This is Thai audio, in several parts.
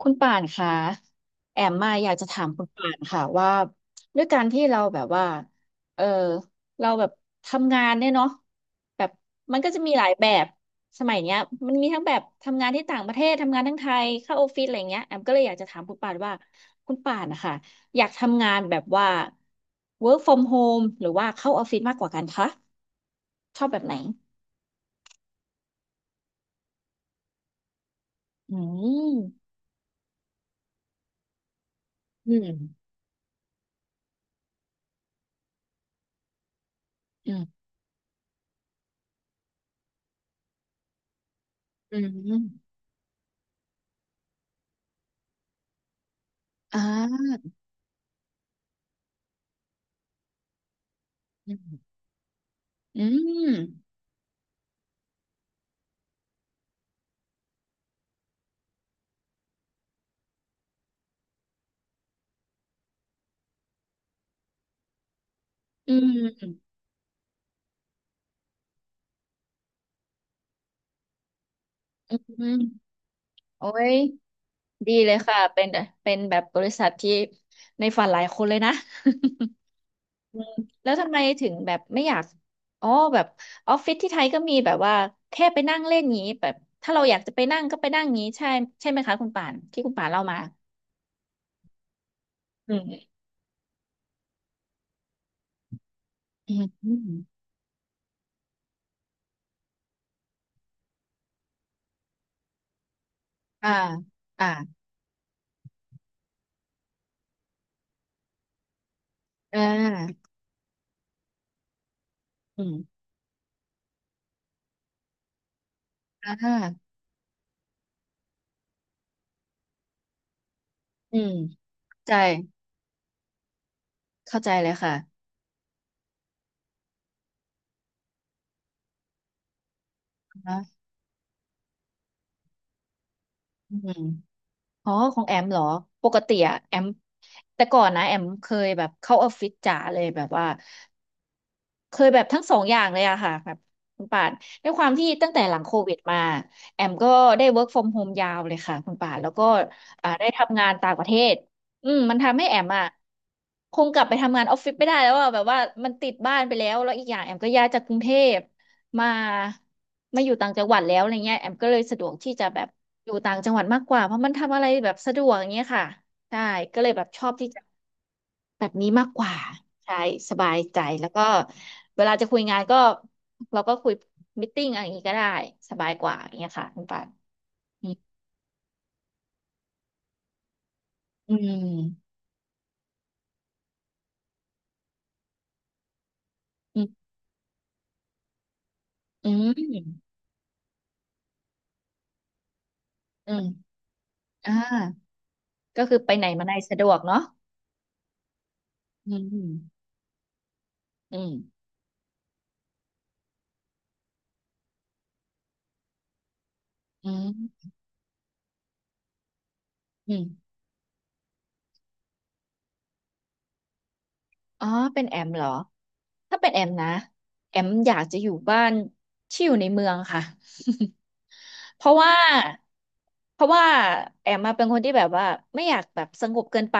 คุณป่านคะแอมมาอยากจะถามคุณป่านค่ะว่าด้วยการที่เราแบบว่าเออเราแบบทำงานเนี่ยเนาะแบบมันก็จะมีหลายแบบสมัยเนี้ยมันมีทั้งแบบทำงานที่ต่างประเทศทำงานทั้งไทยเข้าออฟฟิศอะไรเงี้ยแอมก็เลยอยากจะถามคุณป่านว่าคุณป่านนะคะอยากทำงานแบบว่า work from home หรือว่าเข้าออฟฟิศมากกว่ากันคะชอบแบบไหนอืมอืมอืมอืมอืมอืมอืมอืม อืมโอ้ยดีเลยค่ะเป็นเป็นแบบบริษัทที่ในฝันหลายคนเลยนะ แล้วทำไมถึงแบบไม่อยากอ๋อแบบออฟฟิศที่ไทยก็มีแบบว่าแค่ไปนั่งเล่นงี้แบบถ้าเราอยากจะไปนั่งก็ไปนั่งงี้ใช่ใช่ไหมคะคุณป่านที่คุณป่านเล่ามาอืมอืมอืมอ่าอ่าอ่าอืมอ่าอืมใจเข้าใจเลยค่ะนะอืม อ๋อของแอมเหรอปกติอะแอมแต่ก่อนนะแอมเคยแบบเข้าออฟฟิศจ๋าเลยแบบว่า เคยแบบทั้งสองอย่างเลยอะค่ะแบบคุณป่านด้วยความที่ตั้งแต่หลังโควิดมาแอมก็ได้ work from home ยาวเลยค่ะคุณป่านแล้วก็อ่าได้ทำงานต่างประเทศอืมมันทำให้แอมอะคงกลับไปทำงานออฟฟิศไม่ได้แล้วอะแบบว่ามันติดบ้านไปแล้วอีกอย่างแอมก็ย้ายจากกรุงเทพมาอยู่ต่างจังหวัดแล้วอะไรเงี้ยแอมก็เลยสะดวกที่จะแบบอยู่ต่างจังหวัดมากกว่าเพราะมันทำอะไรแบบสะดวกอย่างเงี้ยค่ะใช่ก็เลยแบบชอบที่จะ แบบนี้มากกว่าใช่สบายใจแล้วก็เวลาจะคุยงานก็เราก็คุยมิทติ้งอะไรอย่างนี้ก็ได้สบายกว่าอย่างเงี้ยค่ะคุณปานอืมอืมอืมอืมอืมอ่าก็คือไปไหนมาไหนสะดวกเนาะอืมอืมอืมอืม อ๋อเป็นแอมเหรอถ้าเป็นแอมนะแอมอยากจะอยู่บ้านที่อยู่ในเมืองค่ะ เพราะว่าเพราะว่าแอมมาเป็นคนที่แบบว่าไม่อยากแบบสงบเกินไป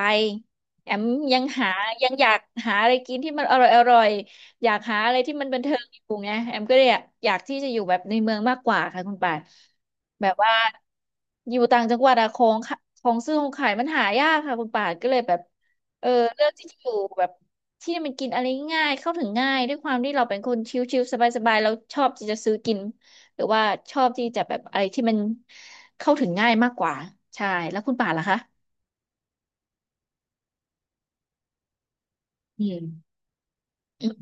แอมยังหายังอยากหาอะไรกินที่มันอร่อยอร่อยอยากหาอะไรที่มันบันเทิงอยู่ไงแอมก็เลยอยากอยากที่จะอยู่แบบในเมืองมากกว่าค่ะคุณป่านแบบว่าอยู่ต่างจังหวัดอะของค่ะของซื้อของขายมันหายากค่ะคุณป่านก็เลยแบบเออเลือกที่จะอยู่แบบ ที่มันกินอะไรง่ายเข้าถึงง่ายด้วยความที่เราเป็นคนชิลๆสบายๆเราชอบที่จะซื้อกินหรือว่าชอบที่จะแบบอะไรที่มันเข้าถึงง่ายมากกว่าใช่แล้วคุณป่านล่ะคะอืมอืม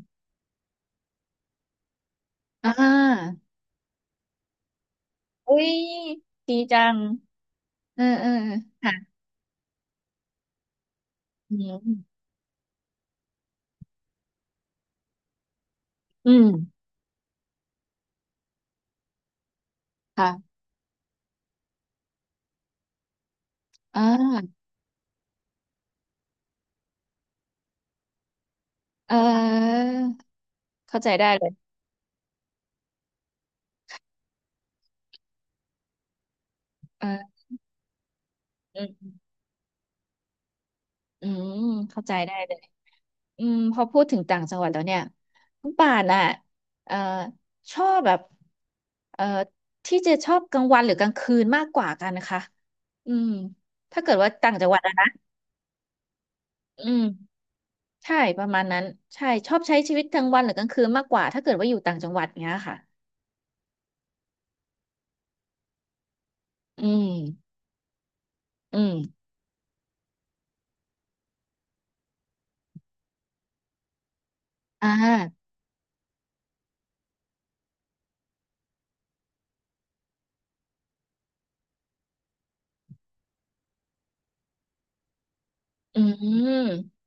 อ่าอุ้ยดีจังเออเออค่ะอืมอืมค่ะอ่าเออเข้าใจได้เลยเอออืมอืมเข้าใจได้เลย อืมพอพูดถึงต่างจังหวัดแล้วเนี่ยคุณป่านอ่ะเอ่อชอบแบบเอ่อที่จะชอบกลางวันหรือกลางคืนมากกว่ากันนะคะอืมถ้าเกิดว่าต่างจังหวัดอะนะอืมใช่ประมาณนั้นใช่ชอบใช้ชีวิตกลางวันหรือกลางคืนมากกว่าถ้าเกิดว่าอยู่ต่างจังหวัดเงี้ยค่ะอืมอืมอ่าอืม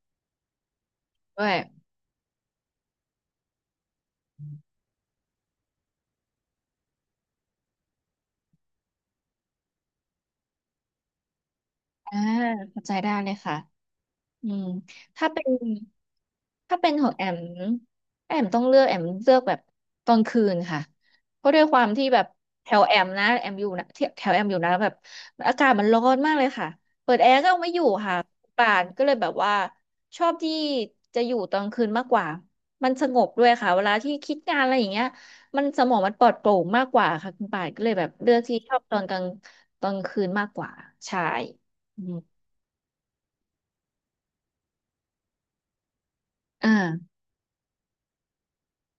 ด้วยอ่าเข้าใจได้เลยค่ะ อืมถ้าเป็นถ้าเป็นของแอมแอมต้องเลือกแอมเลือกแบบตอนคืนค่ะเพราะด้วยความที่แบบแถวแอมนะแอมอยู่นะที่แถวแอมอยู่นะแบบอากาศมันร้อนมากเลยค่ะเปิดแอร์ก็เอาไม่อยู่ค่ะป่านก็เลยแบบว่าชอบที่จะอยู่ตอนคืนมากกว่ามันสงบด้วยค่ะเวลาที่คิดงานอะไรอย่างเงี้ยมันสมองมันปลอดโปร่งมากกว่าค่ะคุณป่านก็เลยแบบเลือกที่ชอบตอนกลางตอนคืนมากกว่าใช่อืมอ่า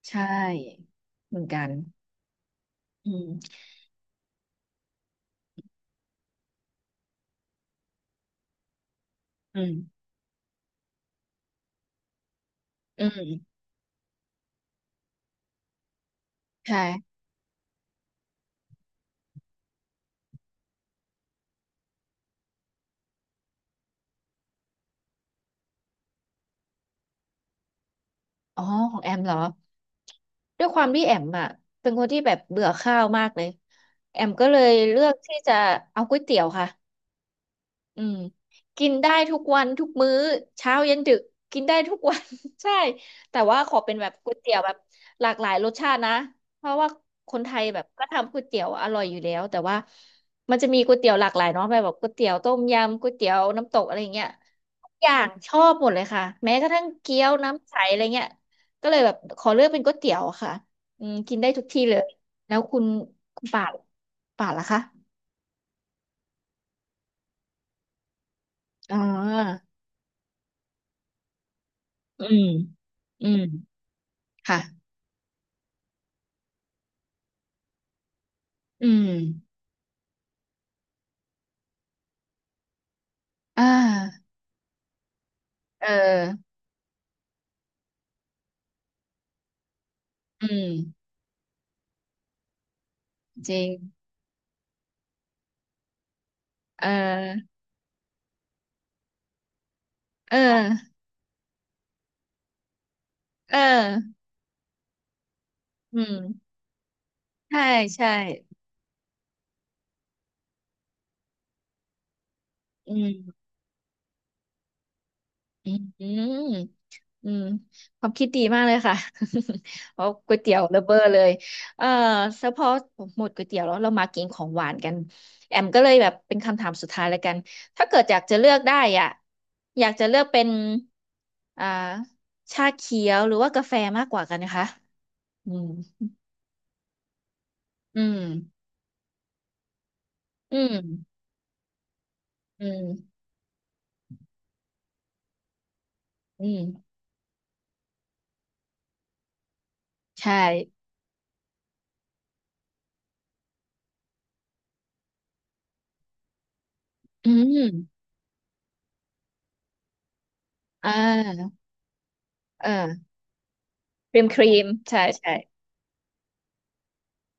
ใช่เหมือนกันอืมอืมอืมใช่ อ๋อ ของแอมเหรอ ด้วยความที่แอมอ่ะเป็นคนที่แบบเบื่อข้าวมากเลยแอมก็เลยเลือกที่จะเอาก๋วยเตี๋ยวค่ะ อืมกินได้ทุกวันทุกมื้อเช้าเย็นดึกกินได้ทุกวัน ใช่แต่ว่าขอเป็นแบบก๋วยเตี๋ยวแบบหลากหลายรสชาตินะเพราะว่าคนไทยแบบก็ทำก๋วยเตี๋ยวอร่อยอยู่แล้วแต่ว่ามันจะมีก๋วยเตี๋ยวหลากหลายเนาะแบบก๋วยเตี๋ยวต้มยำก๋วยเตี๋ยวน้ำตกอะไรเงี้ยทุกอย่างชอบหมดเลยค่ะแม้กระทั่งเกี๊ยวน้ำใสอะไรเงี้ยก็เลยแบบขอเลือกเป็นก๋วยเตี๋ยวอะค่ะอืมกินได้ทุกที่เลยแล้วคุณป่านล่ะคะอ๋ออืมอืม ค่ะอืมอ่าเอออืมจริงเออเออเอออืมใช่ใช่อืมอืมอืมอืมความคิดดีมากเลยค่ะ เอาก๋วยเตี๋ยวระเบ้อเลยเออเฉพาะหมดก๋วยเตี๋ยวแล้วเรามากินของหวานกันแอมก็เลยแบบเป็นคำถามสุดท้ายแล้วกัน ถ้าเกิดอยากจะเลือกได้อ่ะอยากจะเลือกเป็นอ่าชาเขียวหรือว่ากาแฟมากกว่ากันนะคะอืม อืมอืมอืมอืมใช่ อืมอ่าเออครีมครีม ใช่ ใช่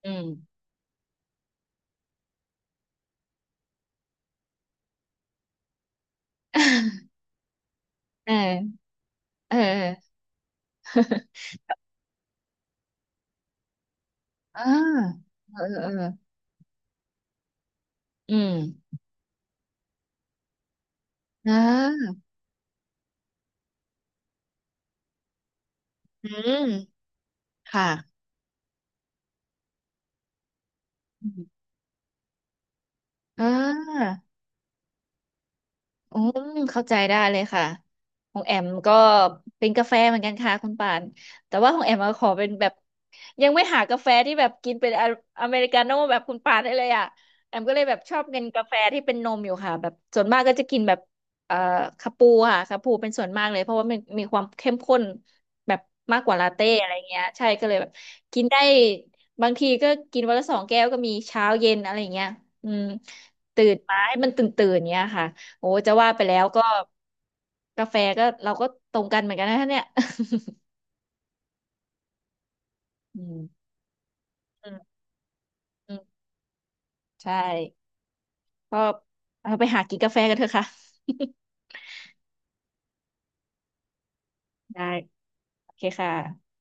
อืม เออเอออ่าเออเอออืมอ่าอืม ค่ะอมอ่า อืมเข้าใจได้เลยค่ะของแอมก็เป็นกาแฟเหมือนกันค่ะคุณป่านแต่ว่าของแอมอะขอเป็นแบบยังไม่หากาแฟที่แบบกินเป็นออเมริกาโน่แบบคุณป่านได้เลยอ่ะแอมก็เลยแบบชอบกินกาแฟที่เป็นนมอยู่ค่ะแบบส่วนมากก็จะกินแบบเอ่อคาปูค่ะคาปูเป็นส่วนมากเลยเพราะว่ามันมีความเข้มข้นแบบมากกว่าลาเต้อะไรเงี้ยใช่ก็เลยแบบกินได้บางทีก็กินวันละ2 แก้วก็มีเช้าเย็นอะไรเงี้ยอืมตื่นมาให้มันตื่นตื่นเงี้ยค่ะ โอ้จะว่าไปแล้วก็กาแฟก็เราก็ตรงกันเหมือนกันนะเนี่ย อืมอืมอืมใช่ก็เราไปหากินกาแฟกันเถอะค่ะ ได้โอเคค่ะ